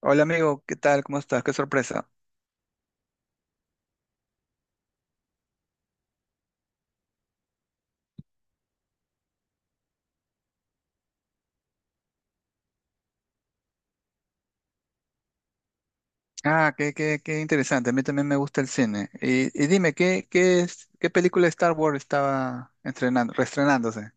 Hola amigo, ¿qué tal? ¿Cómo estás? Qué sorpresa. Ah, qué interesante. A mí también me gusta el cine. Y dime, ¿qué película de Star Wars estaba estrenando, reestrenándose?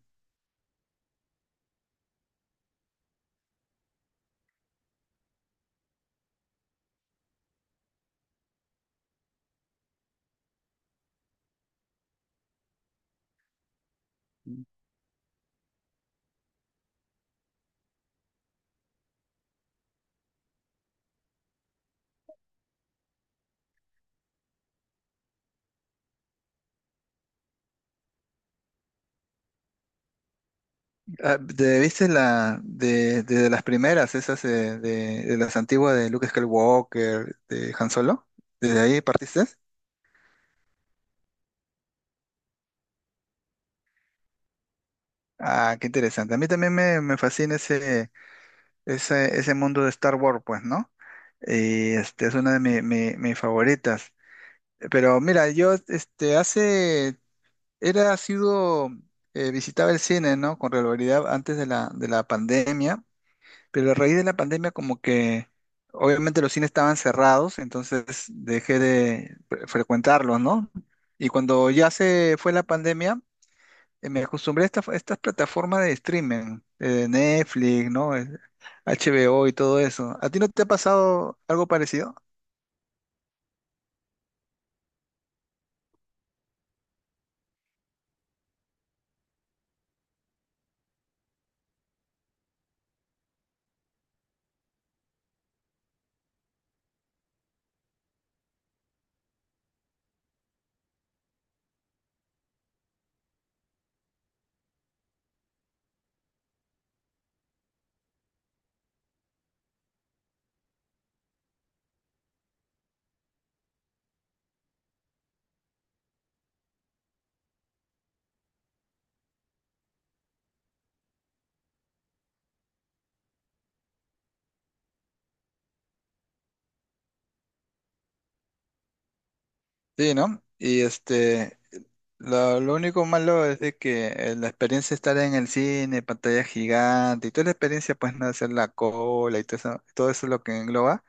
Ah, ¿te ¿Viste la de las primeras, esas de las antiguas de Luke Skywalker, de Han Solo? ¿Desde ahí partiste? Ah, qué interesante. A mí también me fascina ese mundo de Star Wars, pues, ¿no? Y este es una de mis favoritas. Pero mira, yo este hace Era, ha sido, visitaba el cine, ¿no? Con regularidad antes de la pandemia, pero a raíz de la pandemia como que obviamente los cines estaban cerrados, entonces dejé de frecuentarlos, ¿no? Y cuando ya se fue la pandemia, me acostumbré a estas plataformas de streaming, Netflix, ¿no? HBO y todo eso. ¿A ti no te ha pasado algo parecido? Sí, ¿no? Y este, lo único malo es de que la experiencia de estar en el cine, pantalla gigante y toda la experiencia, pues, no hacer la cola y todo eso lo que engloba,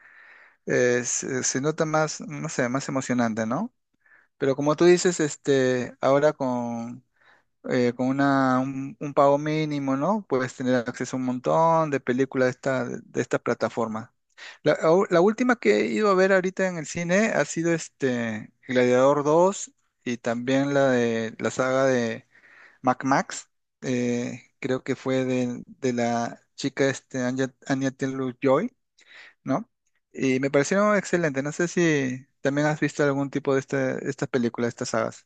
se, se nota más, no sé, más emocionante, ¿no? Pero como tú dices, este, ahora con un pago mínimo, ¿no? Puedes tener acceso a un montón de películas de estas plataformas. La última que he ido a ver ahorita en el cine ha sido este Gladiador dos y también la de la saga de Mac Max. Creo que fue de la chica este, Anya Taylor-Joy, ¿no? Y me parecieron excelentes. No sé si también has visto algún tipo de esta, estas películas, estas sagas.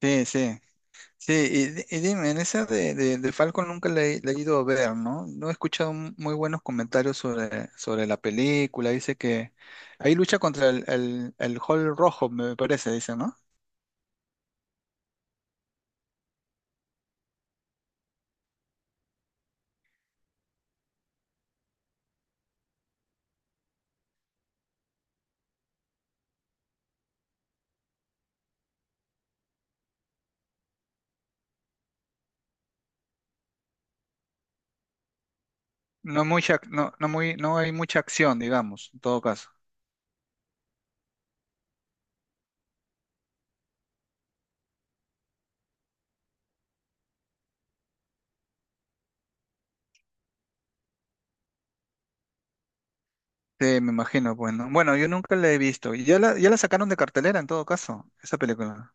Sí, sí. Sí, y, dime, en esa de Falcon nunca la he ido a ver, ¿no? No he escuchado muy buenos comentarios sobre, sobre la película. Dice que ahí lucha contra el Hall Rojo, me parece, dice, ¿no? No mucha, no hay mucha acción, digamos, en todo caso. Sí, me imagino, pues, no. Bueno, yo nunca la he visto. Y ya la sacaron de cartelera en todo caso, esa película.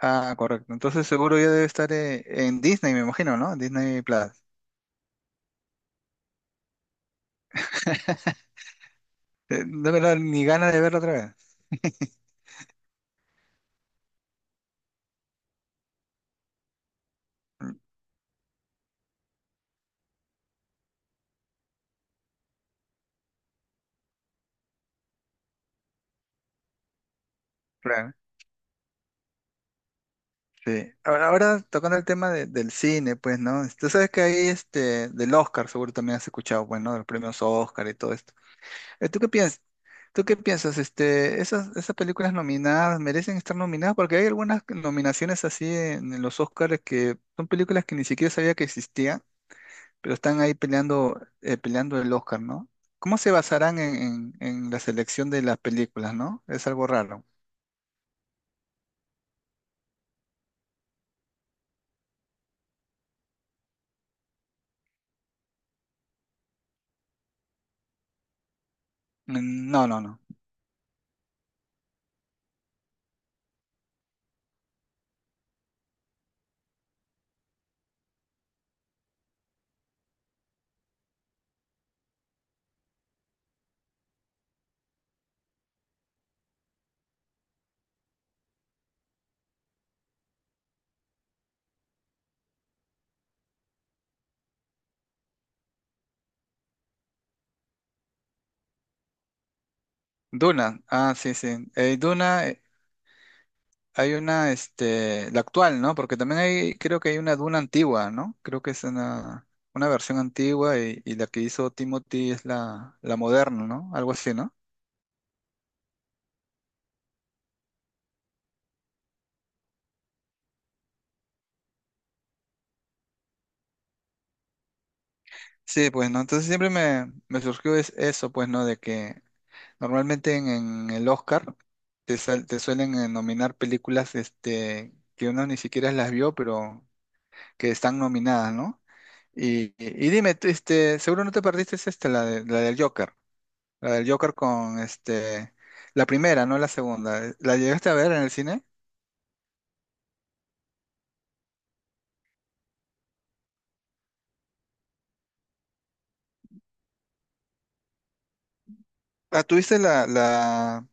Ah, correcto. Entonces seguro ya debe estar en Disney, me imagino, ¿no? Disney Plus. De verdad, ni ganas de verla otra vez. Mm. Claro. Sí. Ahora tocando el tema de- del cine, pues, ¿no? Este, tú sabes que ahí, este, del Oscar, seguro también has escuchado, bueno, de los premios Oscar y todo esto. ¿Tú qué piensas? ¿Tú qué piensas? Este, esas películas nominadas merecen estar nominadas porque hay algunas nominaciones así en los Oscars que son películas que ni siquiera sabía que existían, pero están ahí peleando, peleando el Oscar, ¿no? ¿Cómo se basarán en la selección de las películas, ¿no? Es algo raro. Mm, no, no, no. Duna, ah, sí, sí. Duna. Hay una, este, la actual, ¿no? Porque también hay, creo que hay una duna antigua, ¿no? Creo que es una versión antigua y la que hizo Timothy es la, la moderna, ¿no? Algo así, ¿no? Sí, pues, ¿no? Entonces siempre me surgió es eso, pues, ¿no? De que normalmente en el Oscar te, te suelen nominar películas, este, que uno ni siquiera las vio, pero que están nominadas, ¿no? Y, y dime, tú, este, seguro no te perdiste es esta, la del Joker. La del Joker con este. La primera, no la segunda. ¿La llegaste a ver en el cine? Ah, ¿tuviste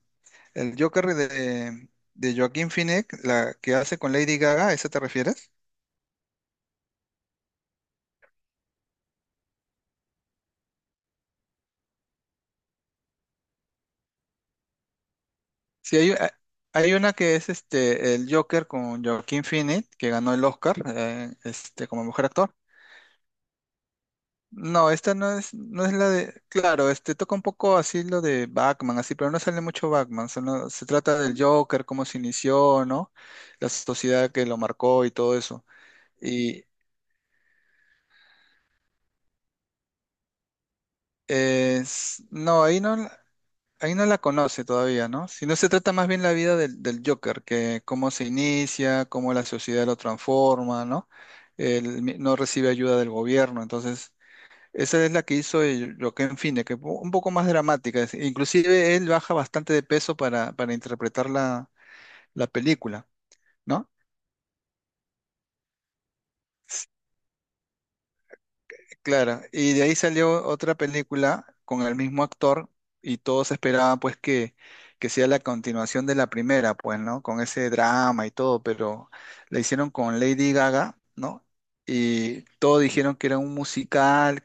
el Joker de Joaquín Phoenix, la que hace con Lady Gaga? ¿A esa te refieres? Sí, hay, hay una que es este el Joker con Joaquín Phoenix, que ganó el Oscar, este, como mejor actor. No, esta no es, no es la de. Claro, este toca un poco así lo de Batman, así, pero no sale mucho Batman. Solo se trata del Joker, cómo se inició, ¿no? La sociedad que lo marcó y todo eso. Y es, no, ahí no, ahí no la conoce todavía, ¿no? Sino se trata más bien la vida del Joker, que cómo se inicia, cómo la sociedad lo transforma, ¿no? Él no recibe ayuda del gobierno, entonces esa es la que hizo el Joaquin Phoenix, que fue un poco más dramática. Es- inclusive él baja bastante de peso para interpretar la, la película, ¿no? S- Claro. Y de ahí salió otra película con el mismo actor y todos esperaban pues que sea la continuación de la primera, pues, ¿no? Con ese drama y todo, pero la hicieron con Lady Gaga, ¿no? Y todos dijeron que era un musical,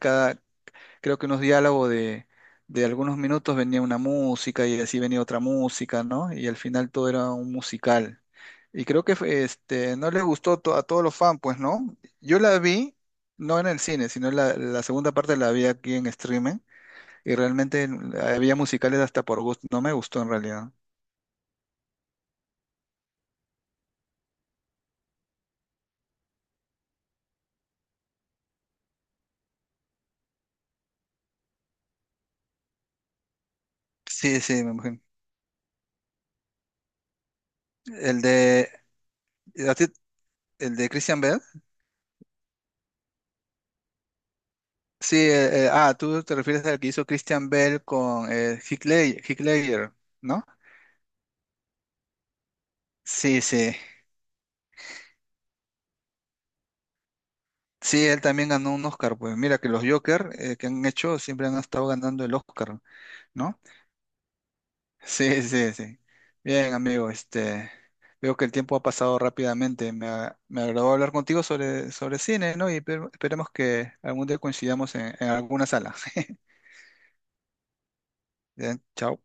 creo que unos diálogos de algunos minutos venía una música y así venía otra música, ¿no? Y al final todo era un musical. Y creo que fue, este, no les gustó a todos los fans, pues, ¿no? Yo la vi, no en el cine, sino la segunda parte la vi aquí en streaming y realmente había musicales hasta por gusto, no me gustó en realidad. Sí, sí, me imagino. El de, ¿a ti- el de Christian Bell. Sí, tú te refieres al que hizo Christian Bell con Heath Ledger, ¿no? Sí, sí. Sí, él también ganó un Oscar, pues mira que los Joker que han hecho siempre han estado ganando el Oscar, ¿no? Sí, sí, sí. Bien, amigo, este, veo que el tiempo ha pasado rápidamente. Me, me agradó hablar contigo sobre, sobre cine, ¿no? Y esperemos que algún día coincidamos en alguna sala. Bien, chao.